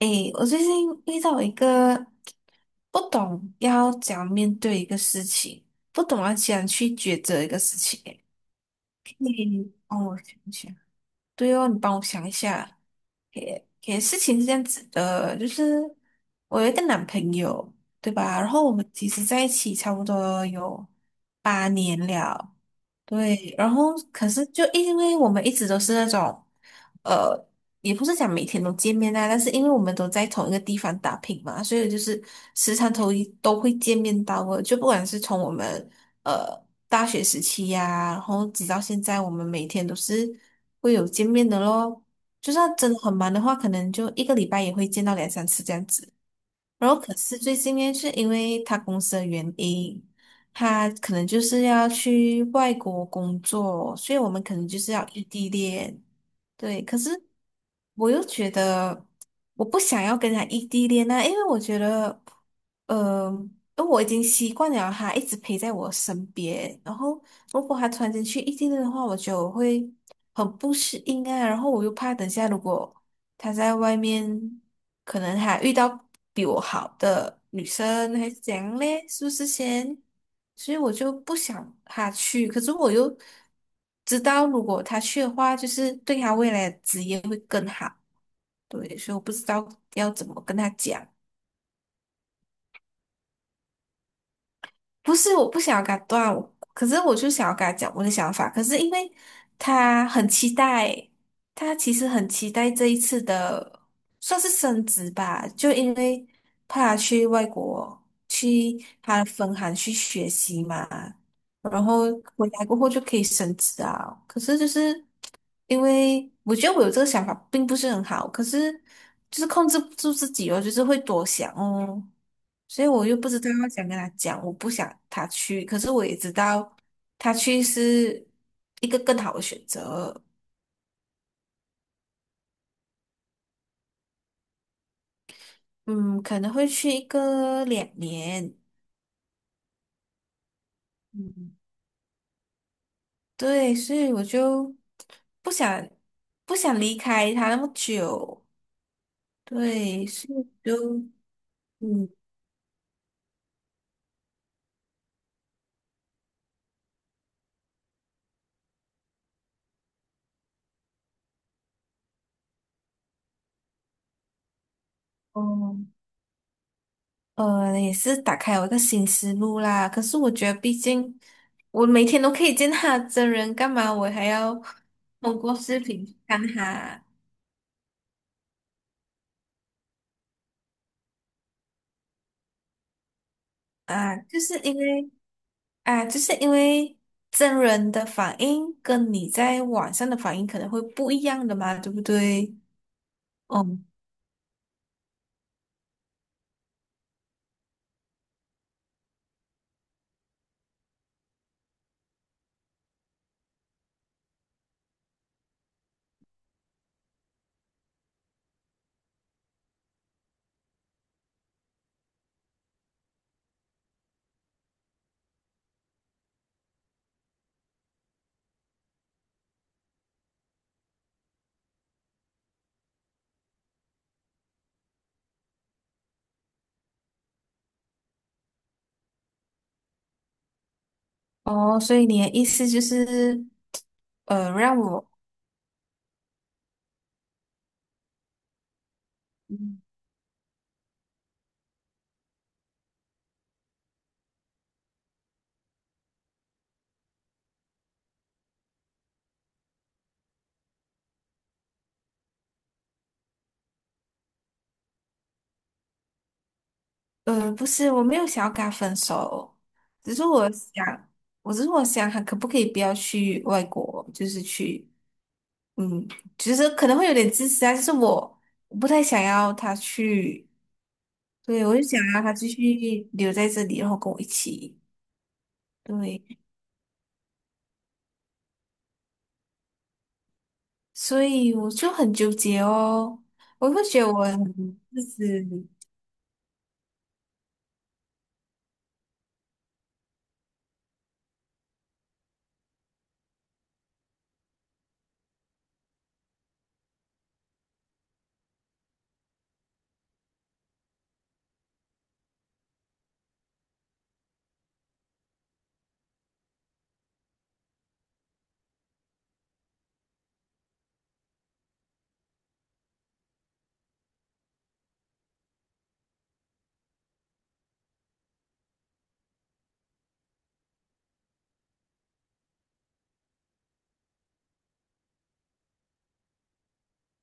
诶，我最近遇到一个不懂要怎样面对一个事情，不懂要怎样去抉择一个事情诶。你帮我想一想，对哦，你帮我想一下。诶，诶，事情是这样子的，就是我有一个男朋友，对吧？然后我们其实在一起差不多有八年了。对，然后可是就因为我们一直都是那种，呃，也不是讲每天都见面啊，但是因为我们都在同一个地方打拼嘛，所以就是时常都会见面到的。就不管是从我们呃大学时期呀、然后直到现在，我们每天都是会有见面的咯。就算真的很忙的话，可能就一个礼拜也会见到两三次这样子。然后可是最近呢，是因为他公司的原因，他可能就是要去外国工作，所以我们可能就是要异地恋。对，可是我又觉得我不想要跟他异地恋啊，因为我觉得，呃，因为我已经习惯了他一直陪在我身边，然后如果他突然间去异地恋的话，我觉得我会很不适应啊，然后我又怕等下如果他在外面可能还遇到比我好的女生，还是怎样嘞？是不是先？所以我就不想他去，可是我又知道，如果他去的话，就是对他未来的职业会更好。对，所以我不知道要怎么跟他讲。不是我不想要跟他断，可是我就想要跟他讲我的想法。可是因为他很期待，他其实很期待这一次的算是升职吧，就因为怕他去外国去他的分行去学习嘛，然后回来过后就可以升职啊。可是就是因为我觉得我有这个想法并不是很好，可是就是控制不住自己哦，就是会多想哦。所以我又不知道要想跟他讲，我不想他去，可是我也知道他去是一个更好的选择。嗯，可能会去一个两年。嗯，对，所以我就不想不想离开他那么久。对，所以我就嗯哦也是打开我个新思路啦。可是我觉得，毕竟我每天都可以见他真人，干嘛我还要通过视频看他？啊，就是因为真人的反应跟你在网上的反应可能会不一样的嘛，对不对？哦哦，所以你的意思就是，让我，嗯不是，我没有想要跟他分手，只是我想，我只是我想，他可不可以不要去外国，就是去。嗯，就是可能会有点自私啊，就是我不太想要他去。对，我就想让他继续留在这里，然后跟我一起。对，所以我就很纠结哦，我会觉得我很自私。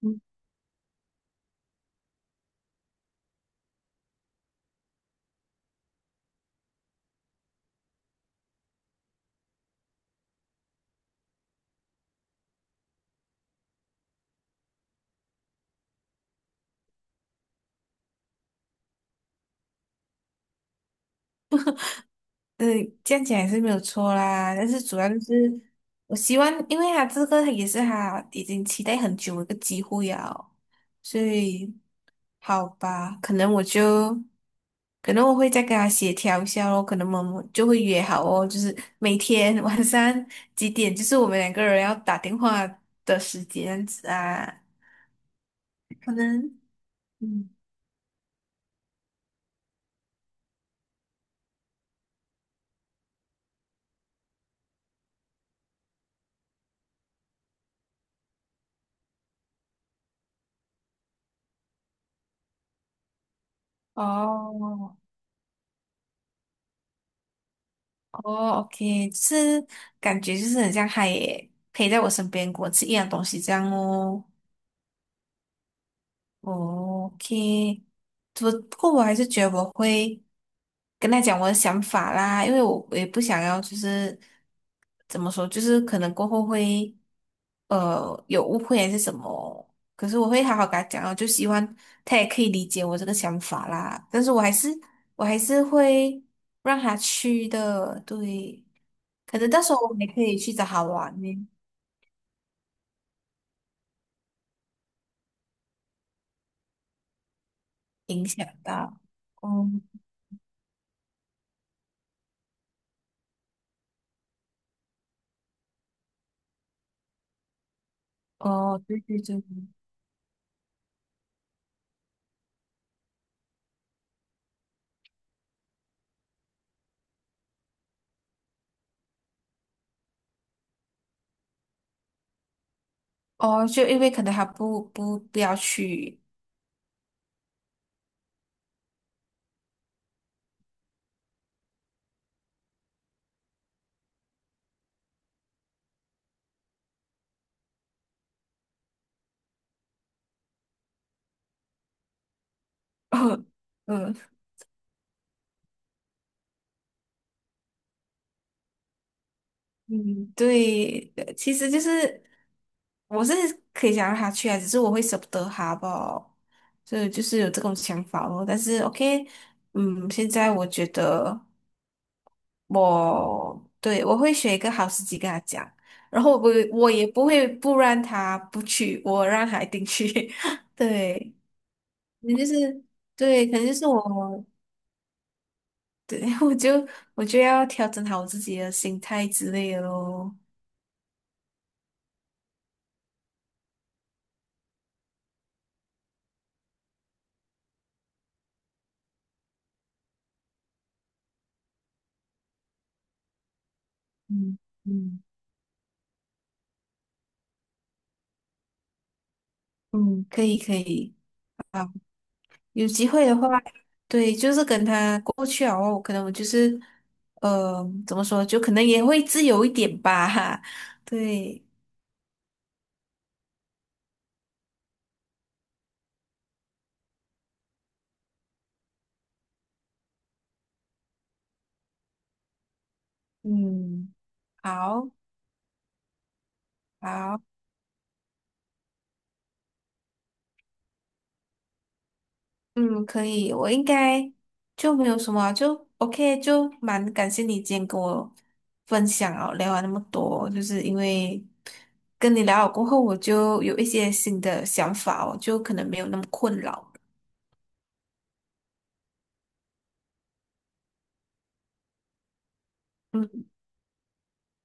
嗯，呃这样讲也是没有错啦。但是主要就是我希望，因为他这个也是他已经期待很久的一个机会啊，所以好吧，可能我会再跟他协调一下咯，可能我们就会约好哦，就是每天 晚上几点，就是我们两个人要打电话的时间这样子啊，可能。嗯。哦哦，OK，就是感觉就是很像他也陪在我身边，跟我吃一样东西这样哦。哦 OK，不过我还是觉得我会跟他讲我的想法啦，因为我我也不想要就是怎么说，就是可能过后会有误会还是什么，可是我会好好跟他讲哦，就希望他也可以理解我这个想法啦。但是我还是会让他去的。对，可能到时候我们也可以去找他玩呢，影响到，哦哦，对对对。哦，就因为可能他不要去。嗯嗯，对，其实就是我是可以想让他去啊，只是我会舍不得他吧，所以就是有这种想法咯。但是 OK。嗯，现在我觉得我会选一个好时机跟他讲，然后我也不会不让他不去，我让他一定去。对，可能就是对，可能就是我。对，我就要调整好我自己的心态之类的咯。嗯嗯嗯，可以可以，好，有机会的话，对，就是跟他过去哦，可能我就是，怎么说，就可能也会自由一点吧，哈，对，嗯，好，好。嗯，可以，我应该就没有什么啊就 OK，就蛮感谢你今天跟我分享哦，聊完那么多，就是因为跟你聊了过后，我就有一些新的想法哦，就可能没有那么困扰了。嗯，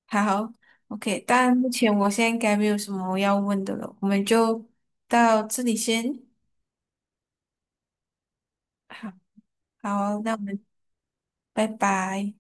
好，OK，但目前我现在应该没有什么要问的了，我们就到这里先。好，好哦，那我们拜拜。